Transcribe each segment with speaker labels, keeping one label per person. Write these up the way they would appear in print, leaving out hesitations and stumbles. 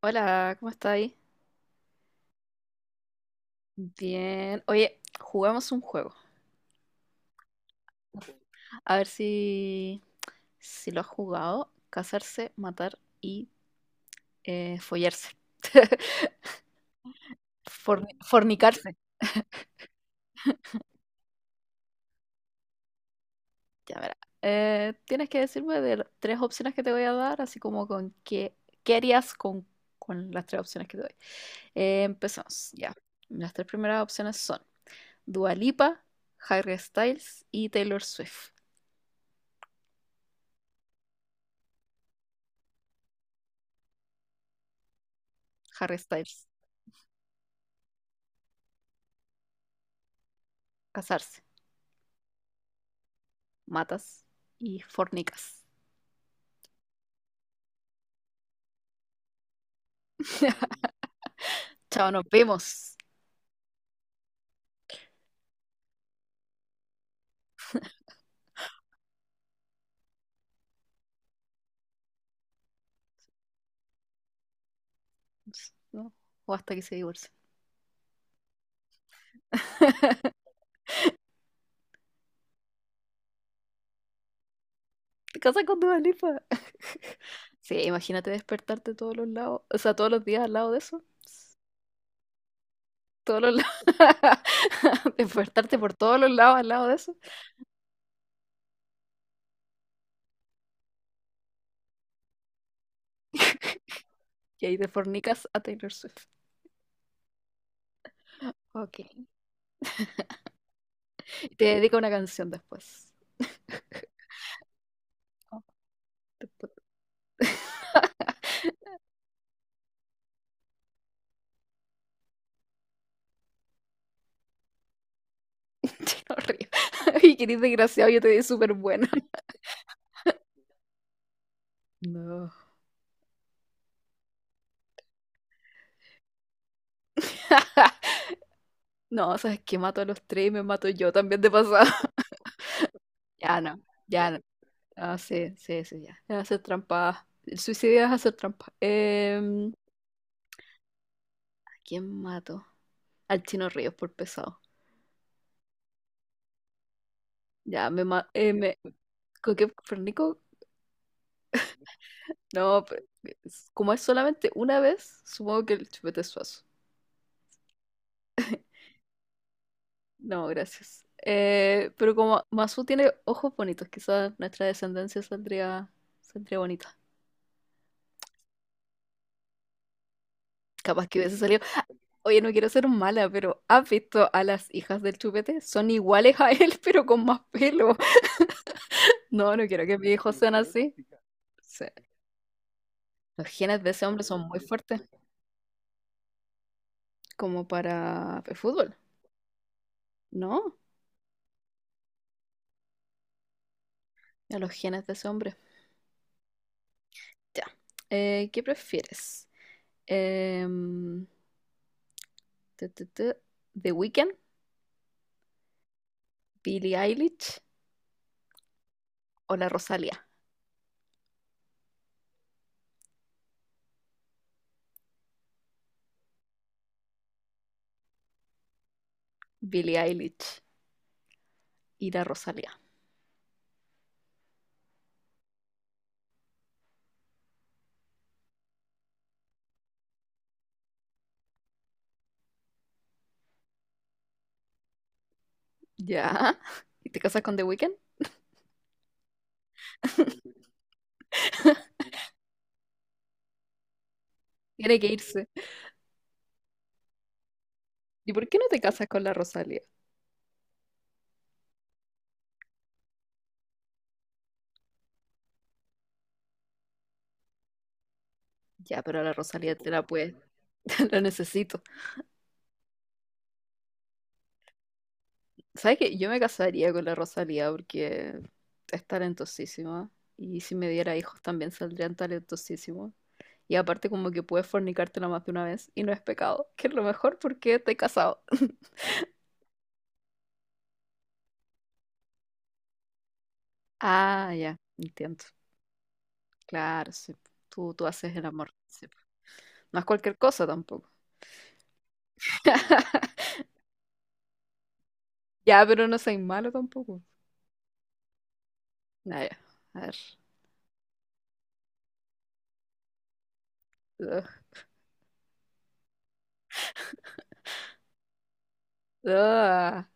Speaker 1: Hola, ¿cómo estáis? Bien. Oye, jugamos un juego. A ver si lo has jugado. Casarse, matar y follarse. Fornicarse. Ya verá. Tienes que decirme de las tres opciones que te voy a dar, así como con qué harías con las tres opciones que te doy. Empezamos, ya. Las tres primeras opciones son Dua Lipa, Harry Styles y Taylor Swift. Harry Styles, casarse. Matas y fornicas. Chao, nos vemos. ¿No? O hasta que se divorcien. Te casas con Dua Lipa. Sí, imagínate despertarte todos los lados, o sea, todos los días al lado de eso. Todos los lados. Despertarte por todos los lados al lado de eso. Y ahí te fornicas a Taylor Swift. Ok. Y te dedico una canción después. Oh, después- Yo no río. Y que eres desgraciado, yo te di súper bueno. No. No, sabes que mato a los tres y me mato yo también de pasada. Ya no, ya no. Ah, sí, sí, sí, ya. Es hacer trampa. El suicidio es hacer trampa. ¿A quién mato? Al Chino Ríos por pesado. Ya, me ma me ¿Con qué? ¿Fernico? No, pero como es solamente una vez, supongo que el chupete es suazo. No, gracias. Pero como Masu tiene ojos bonitos, quizás nuestra descendencia saldría bonita. Capaz que hubiese salido. Oye, no quiero ser mala, pero ¿has visto a las hijas del chupete? Son iguales a él, pero con más pelo. No, no quiero que mis hijos sean así. Sí. Los genes de ese hombre son muy fuertes, como para el fútbol, ¿no? A los genes de ese hombre. Ya. ¿Qué prefieres? Em, tu, tu, tu, ¿The Weeknd, Billie Eilish o la Rosalía? Billie Eilish y la Rosalía. ¿Ya? ¿Y te casas con The Weeknd? Tiene que irse. ¿Y por qué no te casas con la Rosalía? Ya, pero la Rosalía te la puedes, la necesito. ¿Sabes qué? Yo me casaría con la Rosalía porque es talentosísima y si me diera hijos también saldrían talentosísimos. Y aparte como que puedes fornicártela más de una vez y no es pecado, que es lo mejor porque te he casado. Ah, ya, entiendo. Claro, sí. Tú haces el amor. Sí. No es cualquier cosa tampoco. Ya, pero no soy malo tampoco. Ah, ya. A ver. Ugh. Ah,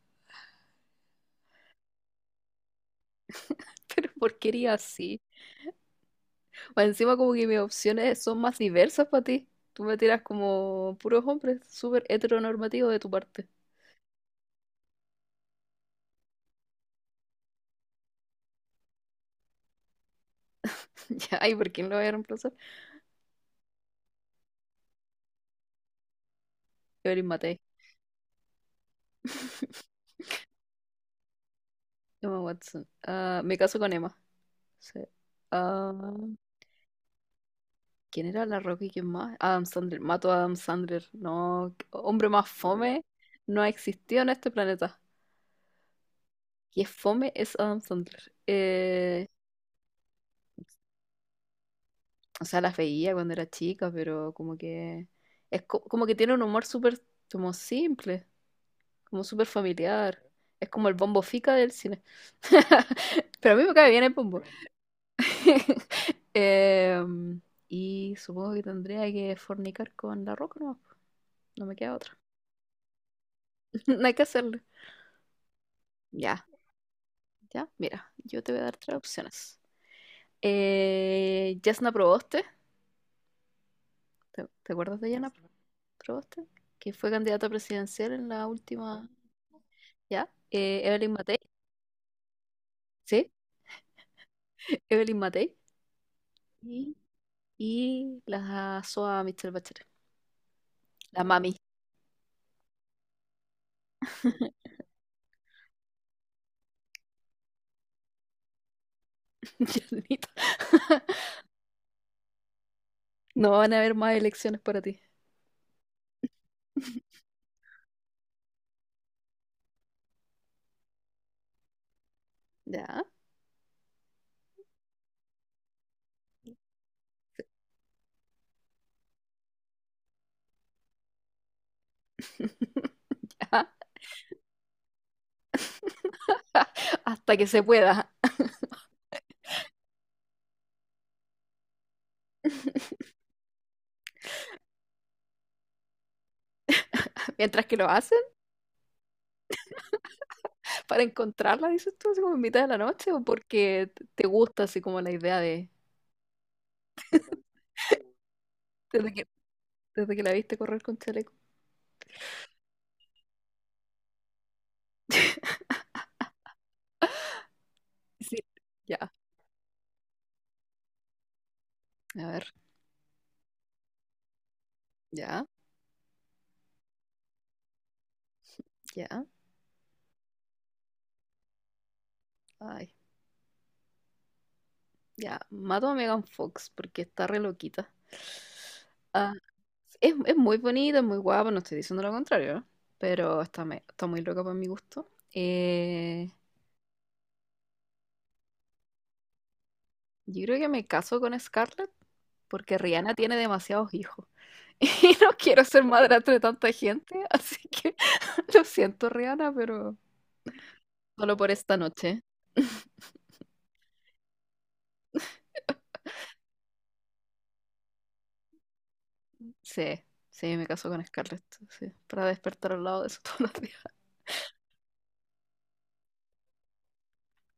Speaker 1: pero porquería así. Más encima como que mis opciones son más diversas para ti. Tú me tiras como puros hombres, súper heteronormativo de tu parte. Ya, ay, ¿por quién lo voy a reemplazar? Evelyn Matei. Emma Watson. Ah, me caso con Emma. Sí. Ah, ¿quién era la Rocky? ¿Quién más? Adam Sandler. Mato a Adam Sandler. No, hombre más fome no ha existido en este planeta. Y es fome es Adam Sandler. O sea, las veía cuando era chica, pero como que como que tiene un humor súper como simple, como súper familiar. Es como el bombo fica del cine. Pero a mí me cae bien el bombo. Em, y supongo que tendría que fornicar con la roca, no, no me queda otra. No hay que hacerlo. Ya, ya, mira, yo te voy a dar tres opciones. Jasna Proboste, ¿te acuerdas de Yana Proboste? Que fue candidata presidencial en la última, ¿ya? Evelyn Matei, ¿sí? Evelyn Matei. Y, y la SOA Michelle Bachelet. La mami. Yanita. No van a haber más elecciones para ti. Ya. Ya. Hasta que se pueda. Mientras que lo hacen, para encontrarla, dices tú, así como en mitad de la noche, o porque te gusta así como la idea de... Desde que, desde que la viste correr con chaleco. Sí. Ya. A ver. Ya, ya. Ay, ya. Mato a Megan Fox porque está re loquita. Ah, es muy bonita, es muy guapa, no estoy diciendo lo contrario, ¿no? Pero está, está muy loca para mi gusto. Yo creo que me caso con Scarlett porque Rihanna tiene demasiados hijos y no quiero ser madrastra de tanta gente, así que lo siento, Rihanna, pero solo por esta noche. Sí, sí, me caso con Scarlett, sí, para despertar al lado de su todos los días.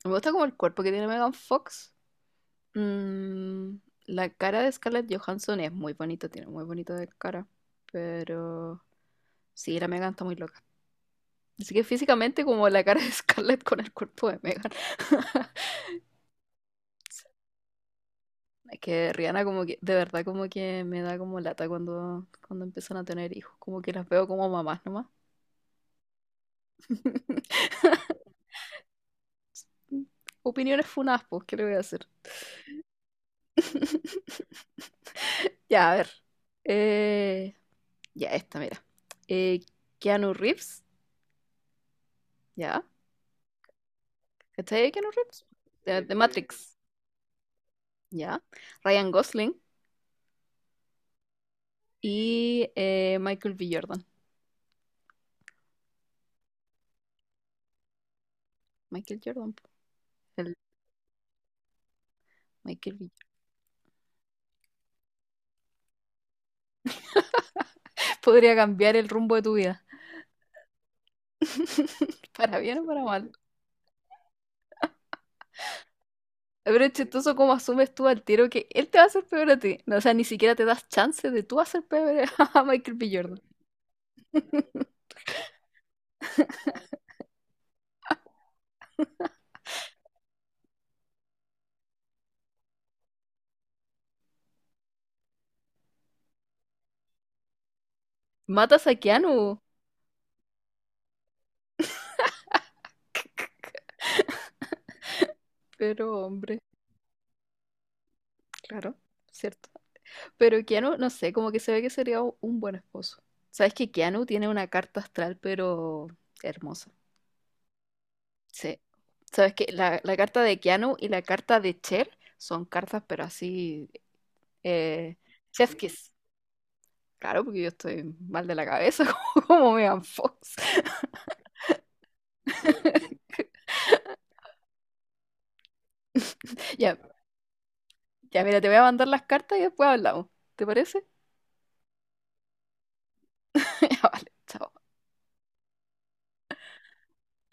Speaker 1: Me gusta como el cuerpo que tiene Megan Fox. Mm, la cara de Scarlett Johansson es muy bonita, tiene muy bonita de cara. Pero sí, la Megan está muy loca. Así que físicamente como la cara de Scarlett con el cuerpo de Megan. Es que Rihanna como que, de verdad como que me da como lata cuando empiezan a tener hijos. Como que las veo como mamás nomás. Opiniones funas, pues, ¿qué le voy a hacer? Ya, a ver. Eh, Ya, esta, mira. Eh, Keanu Reeves, ya. ¿Cachai de Keanu Reeves? De Matrix, ya. Ryan Gosling y Michael B. Jordan. Michael Jordan, po, el Michael B. Podría cambiar el rumbo de tu vida. Para bien o para mal. Pero es chistoso cómo asumes tú al tiro que él te va a hacer peor a ti. No, o sea, ni siquiera te das chance de tú hacer peor a Michael B. Jordan. Matas a Keanu. Pero, hombre, claro, cierto. Pero Keanu, no sé, como que se ve que sería un buen esposo. Sabes que Keanu tiene una carta astral, pero hermosa. Sí. Sabes que la carta de Keanu y la carta de Cher son cartas, pero así. Eh, chef kiss. Claro, porque yo estoy mal de la cabeza, como Megan Fox. Ya, ya, mira, te voy a mandar las cartas y después hablamos. ¿Te parece? Ya, vale, chao.